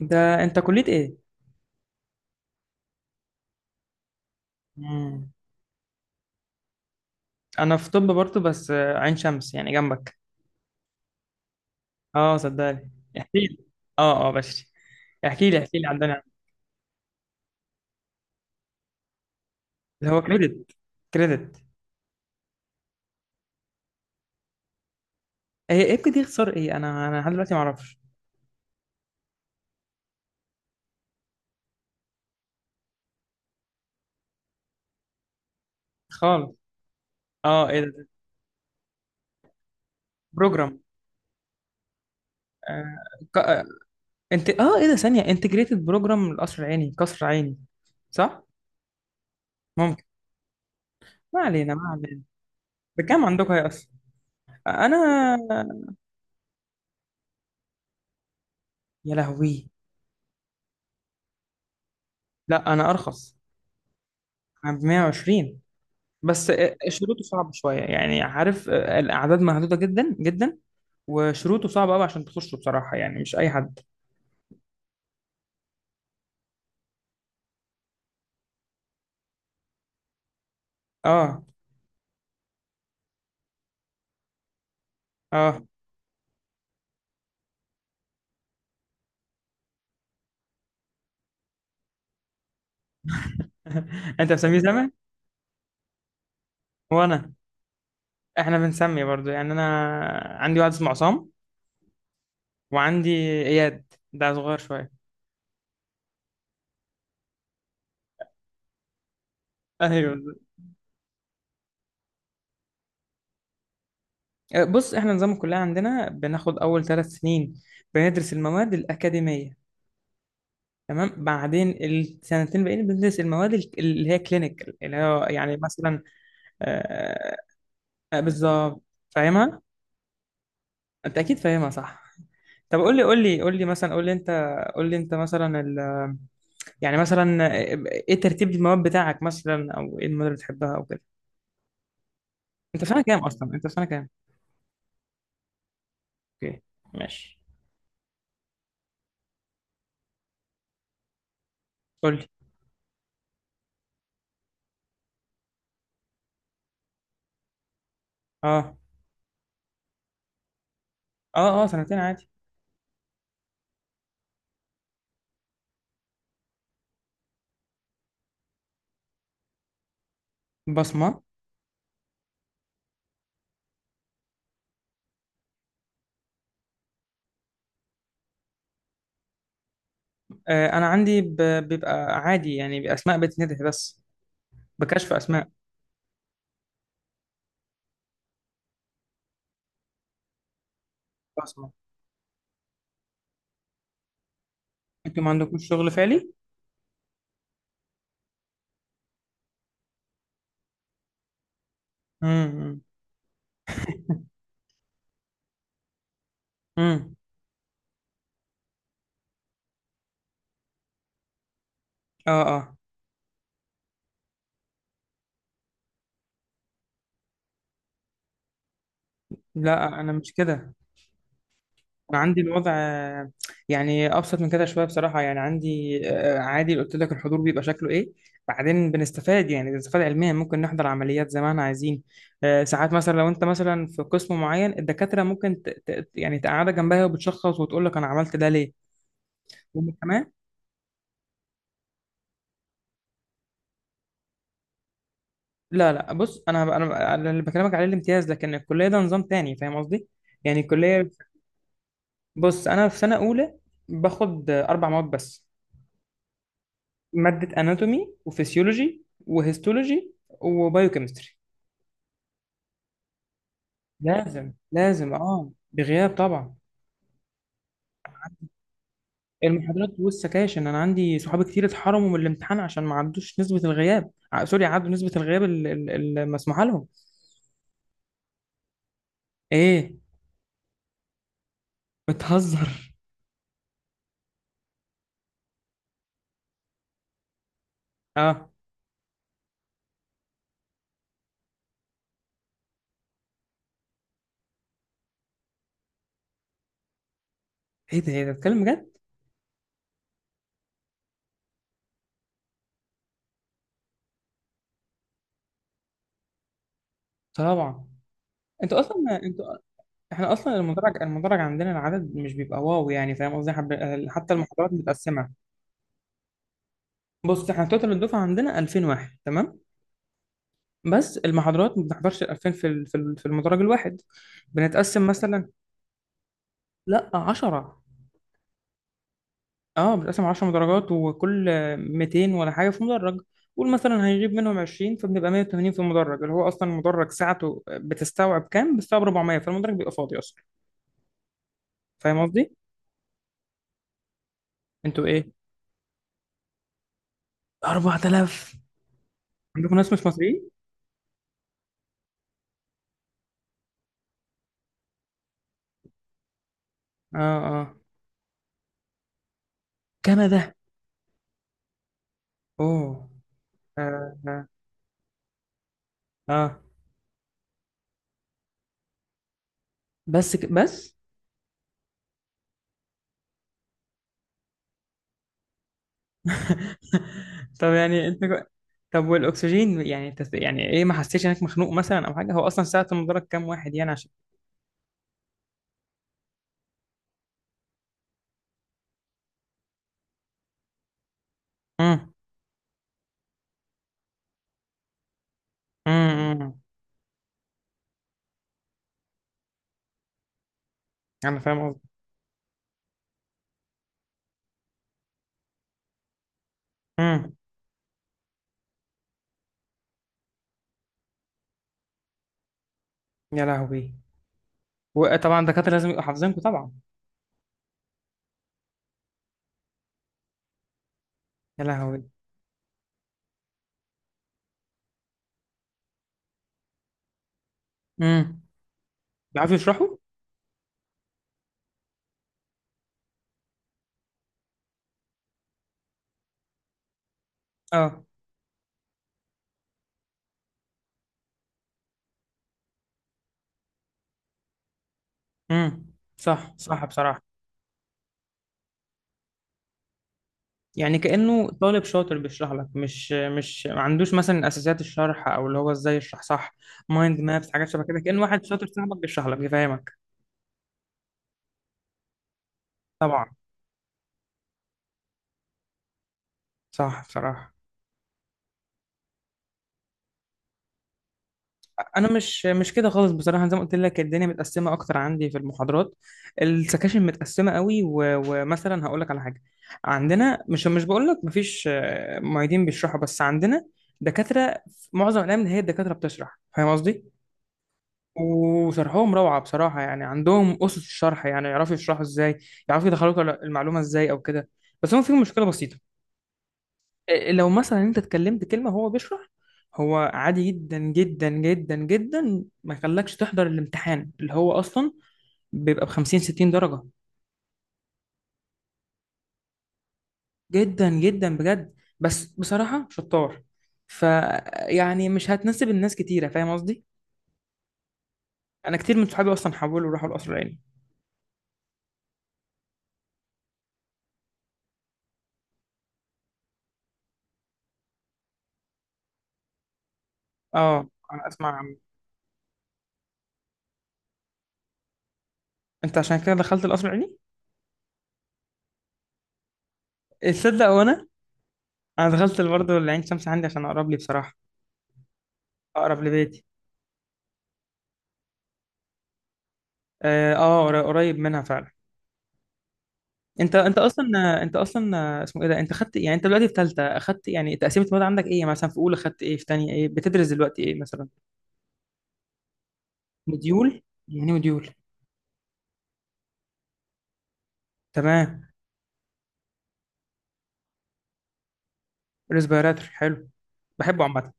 ده انت كلية ايه؟ مم. انا في طب برضه بس عين شمس يعني جنبك. اه صدقني. احكي لي. اه بشري. احكي لي احكي لي عندنا اللي هو كريدت. كريدت؟ هي ايه بجد دي؟ اختصار ايه؟ انا لحد دلوقتي ما اعرفش خالص. اه، ايه ده؟ بروجرام. آه. ك... آه، انت ايه ده؟ ثانية انتجريتد بروجرام القصر العيني، قصر عيني صح؟ ممكن. ما علينا ما علينا. بكام عندكم هي اصلا؟ انا... يا لهوي. لا انا ارخص. انا ب 120، بس شروطه صعبة شوية يعني، عارف، الأعداد محدودة جدا جدا. وشروطه صعبة أوي عشان تخشه بصراحة، يعني مش أي حد. اه اه. أنت بتسميه سامي؟ وأنا... إحنا بنسمي برضو يعني. أنا عندي واحد اسمه عصام، وعندي إياد، ده صغير شوية. أيوه. بص إحنا نظام الكلية عندنا بناخد أول ثلاث سنين، بندرس المواد الأكاديمية، تمام. بعدين السنتين الباقيين بندرس المواد اللي هي كلينيكال، اللي هو يعني مثلا... آه، بالظبط، فاهمها. انت اكيد فاهمها صح. طب قول لي قول لي قول لي، مثلا قول لي انت، قول لي انت مثلا ال... يعني مثلا آه، ايه ترتيب المواد بتاعك مثلا، او ايه المواد اللي بتحبها او كده؟ انت في سنه كام؟ اوكي، ماشي. قول لي. اه اه، اه سنتين عادي. بصمه. انا عندي ب... بيبقى عادي يعني، باسماء بتندهي بس، بكشف اسماء. بصمه. انتوا ما عندكوش شغل فعلي. امم. امم. اه اه. لا انا مش كده. انا عندي الوضع يعني ابسط من كده شويه بصراحه. يعني عندي عادي، قلت لك الحضور بيبقى شكله ايه. بعدين بنستفاد، يعني بنستفاد علميا. ممكن نحضر عمليات زي ما احنا عايزين. ساعات مثلا لو انت مثلا في قسم معين، الدكاتره ممكن يعني تقعدك جنبها وبتشخص وتقول لك انا عملت ده ليه. وكمان... لا لا، بص، انا انا أنا اللي بكلمك عليه الامتياز، لكن الكليه ده نظام تاني، فاهم قصدي؟ يعني الكليه... بص انا في سنه اولى، باخد اربع مواد بس: مادة اناتومي، وفسيولوجي، وهيستولوجي، وبايوكيمستري. لازم لازم، اه بغياب طبعا. المحاضرات والسكاشن، انا عندي صحابي كتير اتحرموا من الامتحان عشان ما عدوش نسبة الغياب، سوري، عدوا نسبة الغياب المسموحة لهم. ايه، بتهزر؟ اه، ايه ده، ايه ده، بتتكلم بجد؟ طبعا. انت اصلا انت احنا اصلا المدرج عندنا العدد مش بيبقى واو، يعني فاهم قصدي؟ حتى المحاضرات متقسمة. بص احنا توتال الدفعة عندنا 2000 واحد، تمام؟ بس المحاضرات ما بنحضرش الألفين في المدرج الواحد. بنتقسم مثلا. لا، 10. اه، بنتقسم 10 مدرجات، وكل 200 ولا حاجة في مدرج. قول مثلا هنجيب منهم 20، فبنبقى 180 في المدرج، اللي هو أصلا المدرج ساعته بتستوعب كام؟ بتستوعب 400. فالمدرج بيبقى فاضي أصلا، فاهم قصدي؟ أنتوا إيه؟ 4000. عندكم ناس مش مصريين؟ اه اه. كندا. اوه. اه اه. آه. بس بس. طب يعني طب والاكسجين، يعني انت يعني ايه، ما حسيتش انك مخنوق مثلا او حاجه؟ هو اصلا ساعه المدرج كام واحد يعني عشان... امم. امم. انا فاهم قصدي. امم. يا لهوي. وطبعا الدكاتره لازم يبقوا حافظينكم طبعا. يا لهوي. امم. بيعرفوا يشرحوا؟ اه. امم. صح صح بصراحه. يعني كانه طالب شاطر بيشرح لك، مش مش ما عندوش مثلا اساسيات الشرح، او اللي هو ازاي يشرح صح. مايند مابس، حاجات شبه كده، كأن واحد شاطر صاحبك بيشرح لك بيفهمك. طبعا. صح بصراحه. انا مش كده خالص بصراحه. زي ما قلت لك، الدنيا متقسمه اكتر عندي. في المحاضرات السكاشن متقسمه قوي. ومثلا هقول لك على حاجه: عندنا مش مش بقول لك مفيش معيدين بيشرحوا، بس عندنا دكاتره. في معظم الايام هي الدكاتره بتشرح، فاهم قصدي؟ وشرحهم روعه بصراحه يعني. عندهم اسس الشرح، يعني يعرفوا يشرحوا ازاي، يعرفوا يدخلوك المعلومه ازاي او كده. بس هم فيهم مشكله بسيطه: لو مثلا انت اتكلمت كلمة هو بيشرح، هو عادي جدا جدا جدا جدا ما يخلكش تحضر الامتحان، اللي هو اصلا بيبقى ب 50 60 درجة. جدا جدا بجد. بس بصراحة شطار. فيعني مش هتناسب الناس كتيرة، فاهم قصدي؟ انا كتير من صحابي اصلا حولوا وراحوا القصر العيني. اه انا اسمع عن- انت عشان كده دخلت القصر العيني؟ تصدق؟ وانا... انا دخلت برضه العين شمس عندي عشان اقرب لي بصراحة، اقرب لبيتي. اه، قريب منها فعلا. انت انت اصلا انت اصلا اسمه ايه ده؟ انت خدت، يعني انت دلوقتي في ثالثه، اخدت يعني تقسيمه المواد عندك ايه؟ يعني مثلا في اولى خدت ايه، في ثانيه ايه، بتدرس دلوقتي ايه مثلا؟ مديول، يعني مديول. تمام. ريسبيراتور، حلو. بحبه عامه.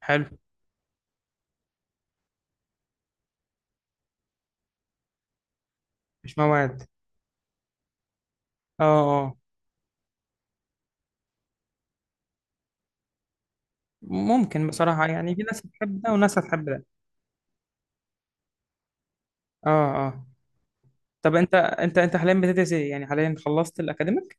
حلو. مش مواد. اه اه. ممكن بصراحه، يعني في ناس بتحب ده وناس هتحب ده. اه اه. طب انت حاليا بتدرس ايه؟ يعني حاليا خلصت الاكاديميك.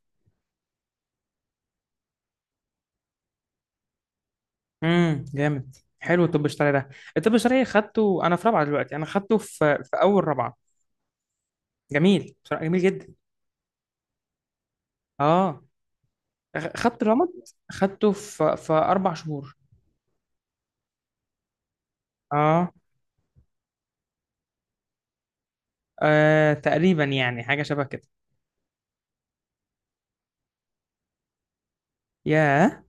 امم. جامد، حلو، الطب الشرعي ده. الطب الشرعي خدته انا في رابعه، دلوقتي، انا خدته في اول رابعه. جميل بصراحه، جميل جدا. اه. أخ- خدت رمض خدته في اربع شهور. اه، تقريبا يعني حاجه شبه كده. ياه.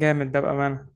جامد ده بامانه.